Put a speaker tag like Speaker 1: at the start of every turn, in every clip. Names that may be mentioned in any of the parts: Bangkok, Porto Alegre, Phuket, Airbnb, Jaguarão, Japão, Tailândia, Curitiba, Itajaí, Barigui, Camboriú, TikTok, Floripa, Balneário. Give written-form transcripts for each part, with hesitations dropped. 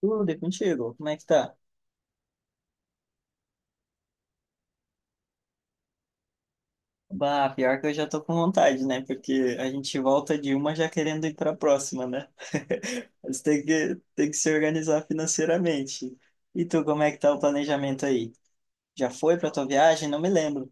Speaker 1: Tudo é contigo? Como é que tá? Bah, pior que eu já tô com vontade, né? Porque a gente volta de uma já querendo ir pra próxima, né? Mas tem que se organizar financeiramente. E tu, como é que tá o planejamento aí? Já foi pra tua viagem? Não me lembro.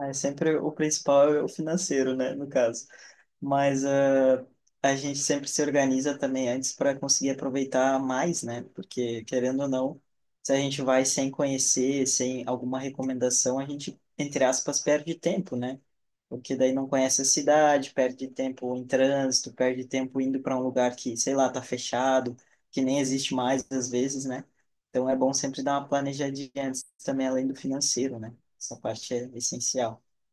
Speaker 1: Ah, é sempre o principal é o financeiro, né? No caso. Mas a gente sempre se organiza também antes para conseguir aproveitar mais, né? Porque, querendo ou não, se a gente vai sem conhecer, sem alguma recomendação, a gente, entre aspas, perde tempo, né? Porque daí não conhece a cidade, perde tempo em trânsito, perde tempo indo para um lugar que, sei lá, tá fechado, que nem existe mais às vezes, né? Então é bom sempre dar uma planejadinha antes também, além do financeiro, né? Essa parte é essencial.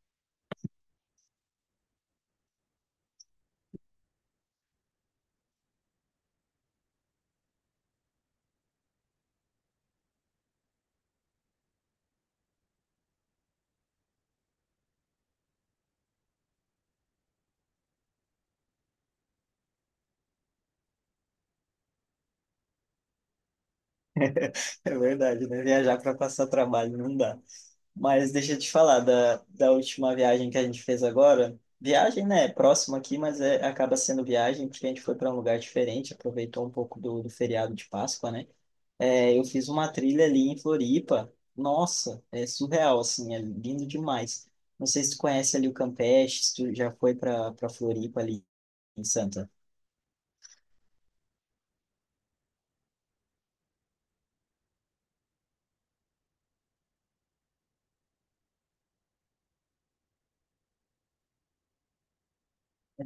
Speaker 1: É verdade, né? Viajar para passar trabalho não dá. Mas deixa eu te falar da última viagem que a gente fez agora. Viagem, né? É próximo aqui, mas é, acaba sendo viagem porque a gente foi para um lugar diferente, aproveitou um pouco do feriado de Páscoa, né? É, eu fiz uma trilha ali em Floripa. Nossa, é surreal, assim, é lindo demais. Não sei se tu conhece ali o Campeche, se tu já foi para Floripa ali em Santa.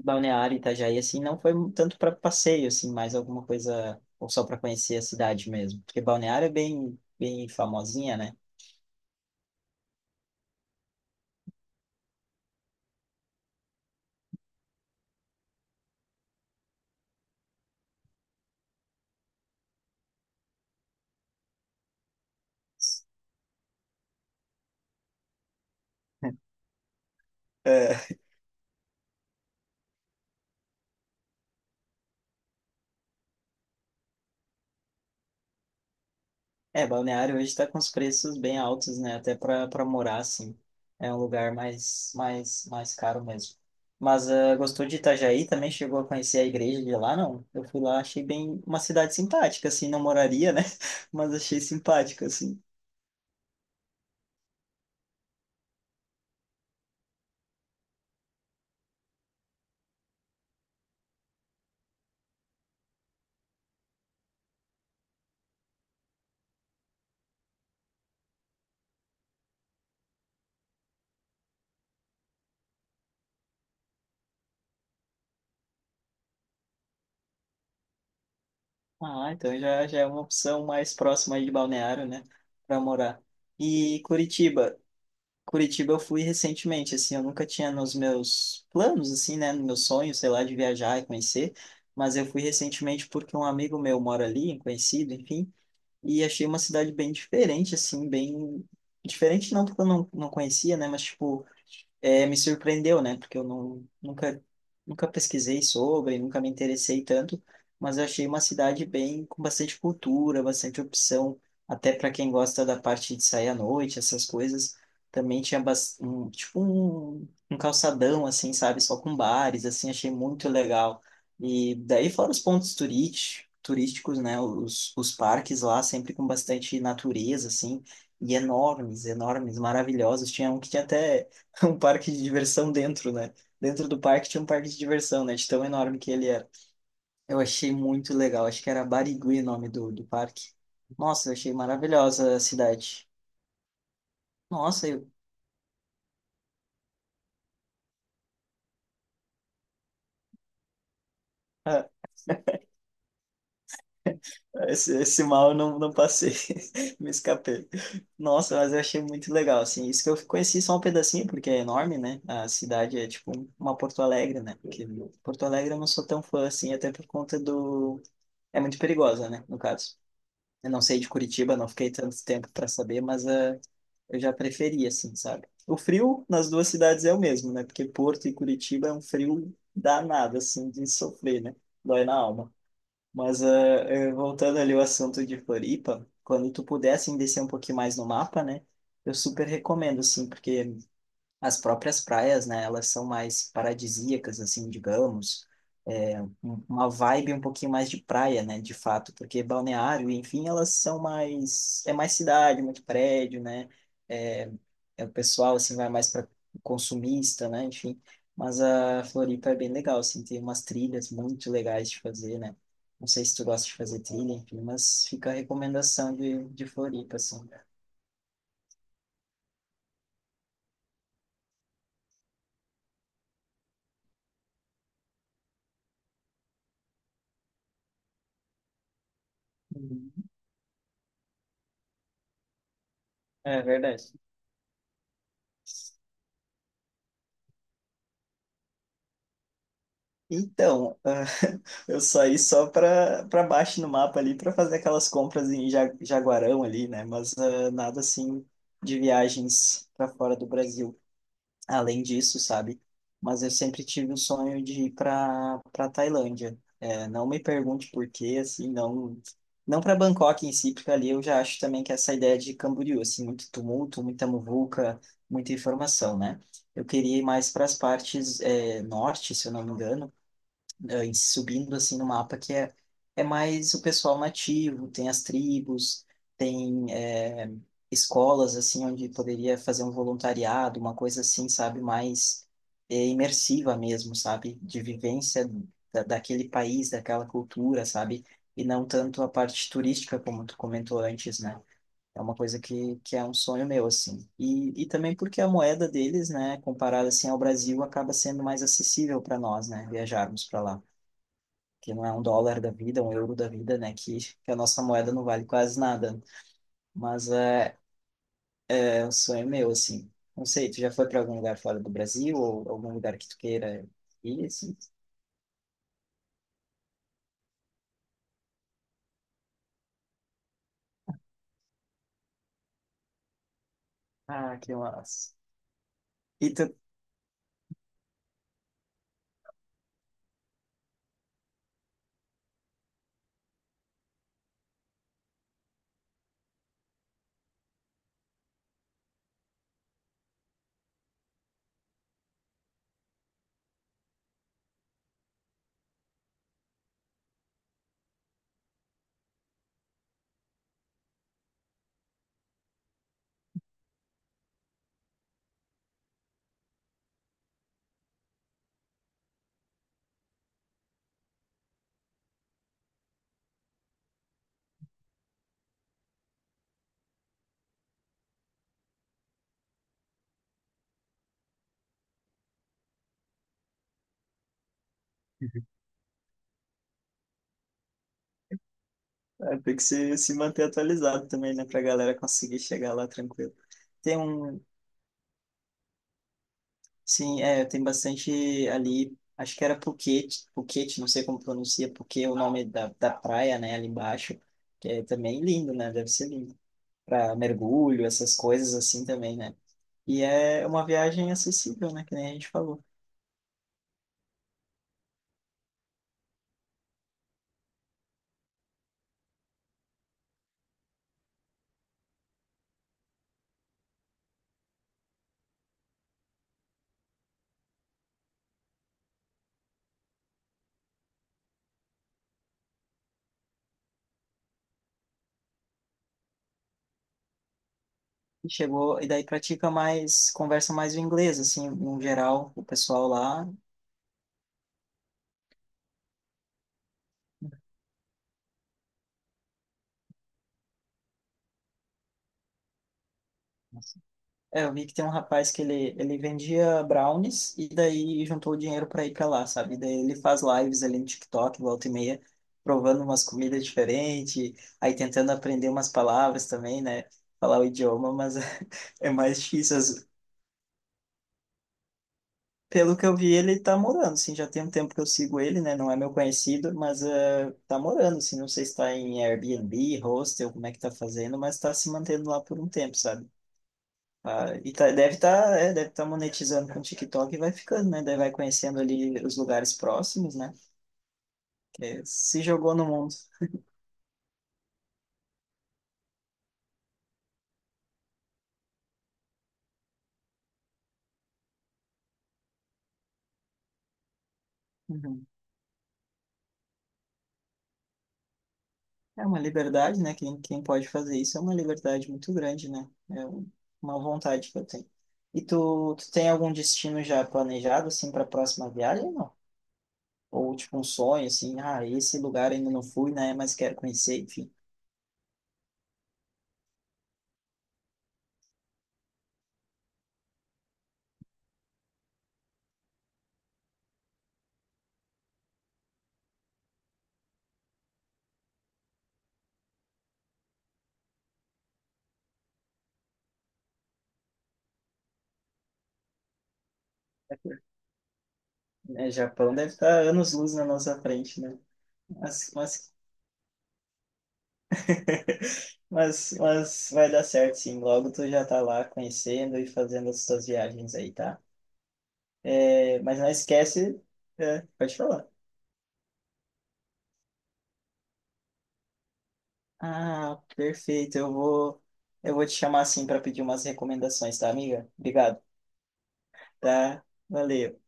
Speaker 1: Balneário, Itajaí, assim, não foi tanto para passeio, assim, mais alguma coisa, ou só para conhecer a cidade mesmo. Porque Balneário é bem, bem famosinha, né? É, é, é, Balneário hoje está com os preços bem altos, né? Até para morar, assim. É um lugar mais caro mesmo. Mas ah, gostou de Itajaí? Também chegou a conhecer a igreja de lá, não? Eu fui lá, achei bem uma cidade simpática, assim, não moraria, né? Mas achei simpática, assim. Ah, então já já é uma opção mais próxima aí de Balneário, né? Para morar. E Curitiba? Curitiba eu fui recentemente, assim, eu nunca tinha nos meus planos, assim, né, no meu sonho, sei lá, de viajar e conhecer, mas eu fui recentemente porque um amigo meu mora ali, um conhecido, enfim, e achei uma cidade bem diferente, assim, bem. Diferente não porque eu não conhecia, né, mas, tipo, é, me surpreendeu, né? Porque eu não, nunca pesquisei sobre, nunca me interessei tanto, mas eu achei uma cidade bem com bastante cultura, bastante opção, até para quem gosta da parte de sair à noite, essas coisas. Também tinha um, tipo um calçadão, assim, sabe? Só com bares, assim, achei muito legal. E daí fora os pontos turísticos, né? Os parques lá, sempre com bastante natureza, assim, e enormes, enormes, maravilhosos. Tinha um que tinha até um parque de diversão dentro, né? Dentro do parque tinha um parque de diversão, né? De tão enorme que ele era. Eu achei muito legal. Acho que era Barigui o nome do parque. Nossa, eu achei maravilhosa a cidade. Nossa, eu. Ah, esse mal eu não passei. Me escapei. Nossa, mas eu achei muito legal, assim. Isso que eu conheci só um pedacinho, porque é enorme, né? A cidade é tipo uma Porto Alegre, né? Porque Porto Alegre eu não sou tão fã, assim, até por conta do. É muito perigosa, né? No caso. Eu não sei de Curitiba, não fiquei tanto tempo para saber, mas eu já preferia, assim, sabe? O frio nas duas cidades é o mesmo, né? Porque Porto e Curitiba é um frio danado, assim, de sofrer, né? Dói na alma. Mas voltando ali ao assunto de Floripa, quando tu puder, assim, descer um pouquinho mais no mapa, né? Eu super recomendo, assim, porque as próprias praias, né, elas são mais paradisíacas, assim, digamos, é, uma vibe um pouquinho mais de praia, né, de fato, porque balneário, enfim, elas são mais, é mais cidade, muito prédio, né, é, é o pessoal, assim, vai mais para consumista, né, enfim, mas a Floripa é bem legal, assim, tem umas trilhas muito legais de fazer, né, não sei se tu gosta de fazer trilha, enfim, mas fica a recomendação de Floripa, assim. Uhum. É verdade. Então, ah, eu saí só para baixo no mapa ali para fazer aquelas compras em Jaguarão ali, né? Mas ah, nada assim de viagens para fora do Brasil. Além disso, sabe? Mas eu sempre tive o sonho de ir para Tailândia. É, não me pergunte por quê, assim, não para Bangkok em si, porque ali eu já acho também que essa ideia de Camboriú, assim, muito tumulto, muita muvuca, muita informação, né? Eu queria ir mais para as partes norte, se eu não me engano e subindo assim no mapa que é mais o pessoal nativo, tem as tribos, tem escolas assim onde poderia fazer um voluntariado, uma coisa assim, sabe, mais imersiva mesmo, sabe, de vivência daquele país, daquela cultura, sabe, e não tanto a parte turística como tu comentou antes, né? É uma coisa que é um sonho meu, assim. E também porque a moeda deles, né, comparada assim ao Brasil, acaba sendo mais acessível para nós, né, viajarmos para lá que não é um dólar da vida, um euro da vida, né? Que a nossa moeda não vale quase nada. Mas é um sonho meu, assim. Não sei, tu já foi para algum lugar fora do Brasil ou algum lugar que tu queira ir, assim? Ah, que massa. E tu é, tem que se manter atualizado também, né? Pra galera conseguir chegar lá tranquilo. Tem um, sim, é, tem bastante ali, acho que era Phuket, Phuket, não sei como pronuncia, porque o nome da praia, né, ali embaixo, que é também lindo, né? Deve ser lindo. Para mergulho, essas coisas assim também, né? E é uma viagem acessível, né? Que nem a gente falou. E chegou, e daí pratica mais, conversa mais o inglês, assim, no geral, o pessoal lá. É, eu vi que tem um rapaz que ele vendia brownies e daí juntou o dinheiro para ir para lá, sabe? E daí ele faz lives ali no TikTok, volta e meia, provando umas comidas diferentes, aí tentando aprender umas palavras também, né? Falar o idioma, mas é mais difícil. Pelo que eu vi, ele tá morando, assim, já tem um tempo que eu sigo ele, né? Não é meu conhecido, mas tá morando, assim, não sei se tá em Airbnb, hostel, como é que tá fazendo, mas tá se mantendo lá por um tempo, sabe? Ah, e tá, deve tá monetizando com o TikTok e vai ficando, né? Daí vai conhecendo ali os lugares próximos, né? Que é, se jogou no mundo. Uhum. É uma liberdade, né? Quem pode fazer isso é uma liberdade muito grande, né? É uma vontade que eu tenho. E tu tem algum destino já planejado, assim, para a próxima viagem? Ou tipo um sonho, assim, ah, esse lugar ainda não fui, né? Mas quero conhecer, enfim. Né, Japão deve estar anos-luz na nossa frente, né? Mas, mas, mas vai dar certo, sim. Logo tu já tá lá conhecendo e fazendo as tuas viagens aí, tá? É, mas não esquece, é, pode falar. Ah, perfeito. Eu vou te chamar assim para pedir umas recomendações, tá, amiga? Obrigado. Tá? Valeu.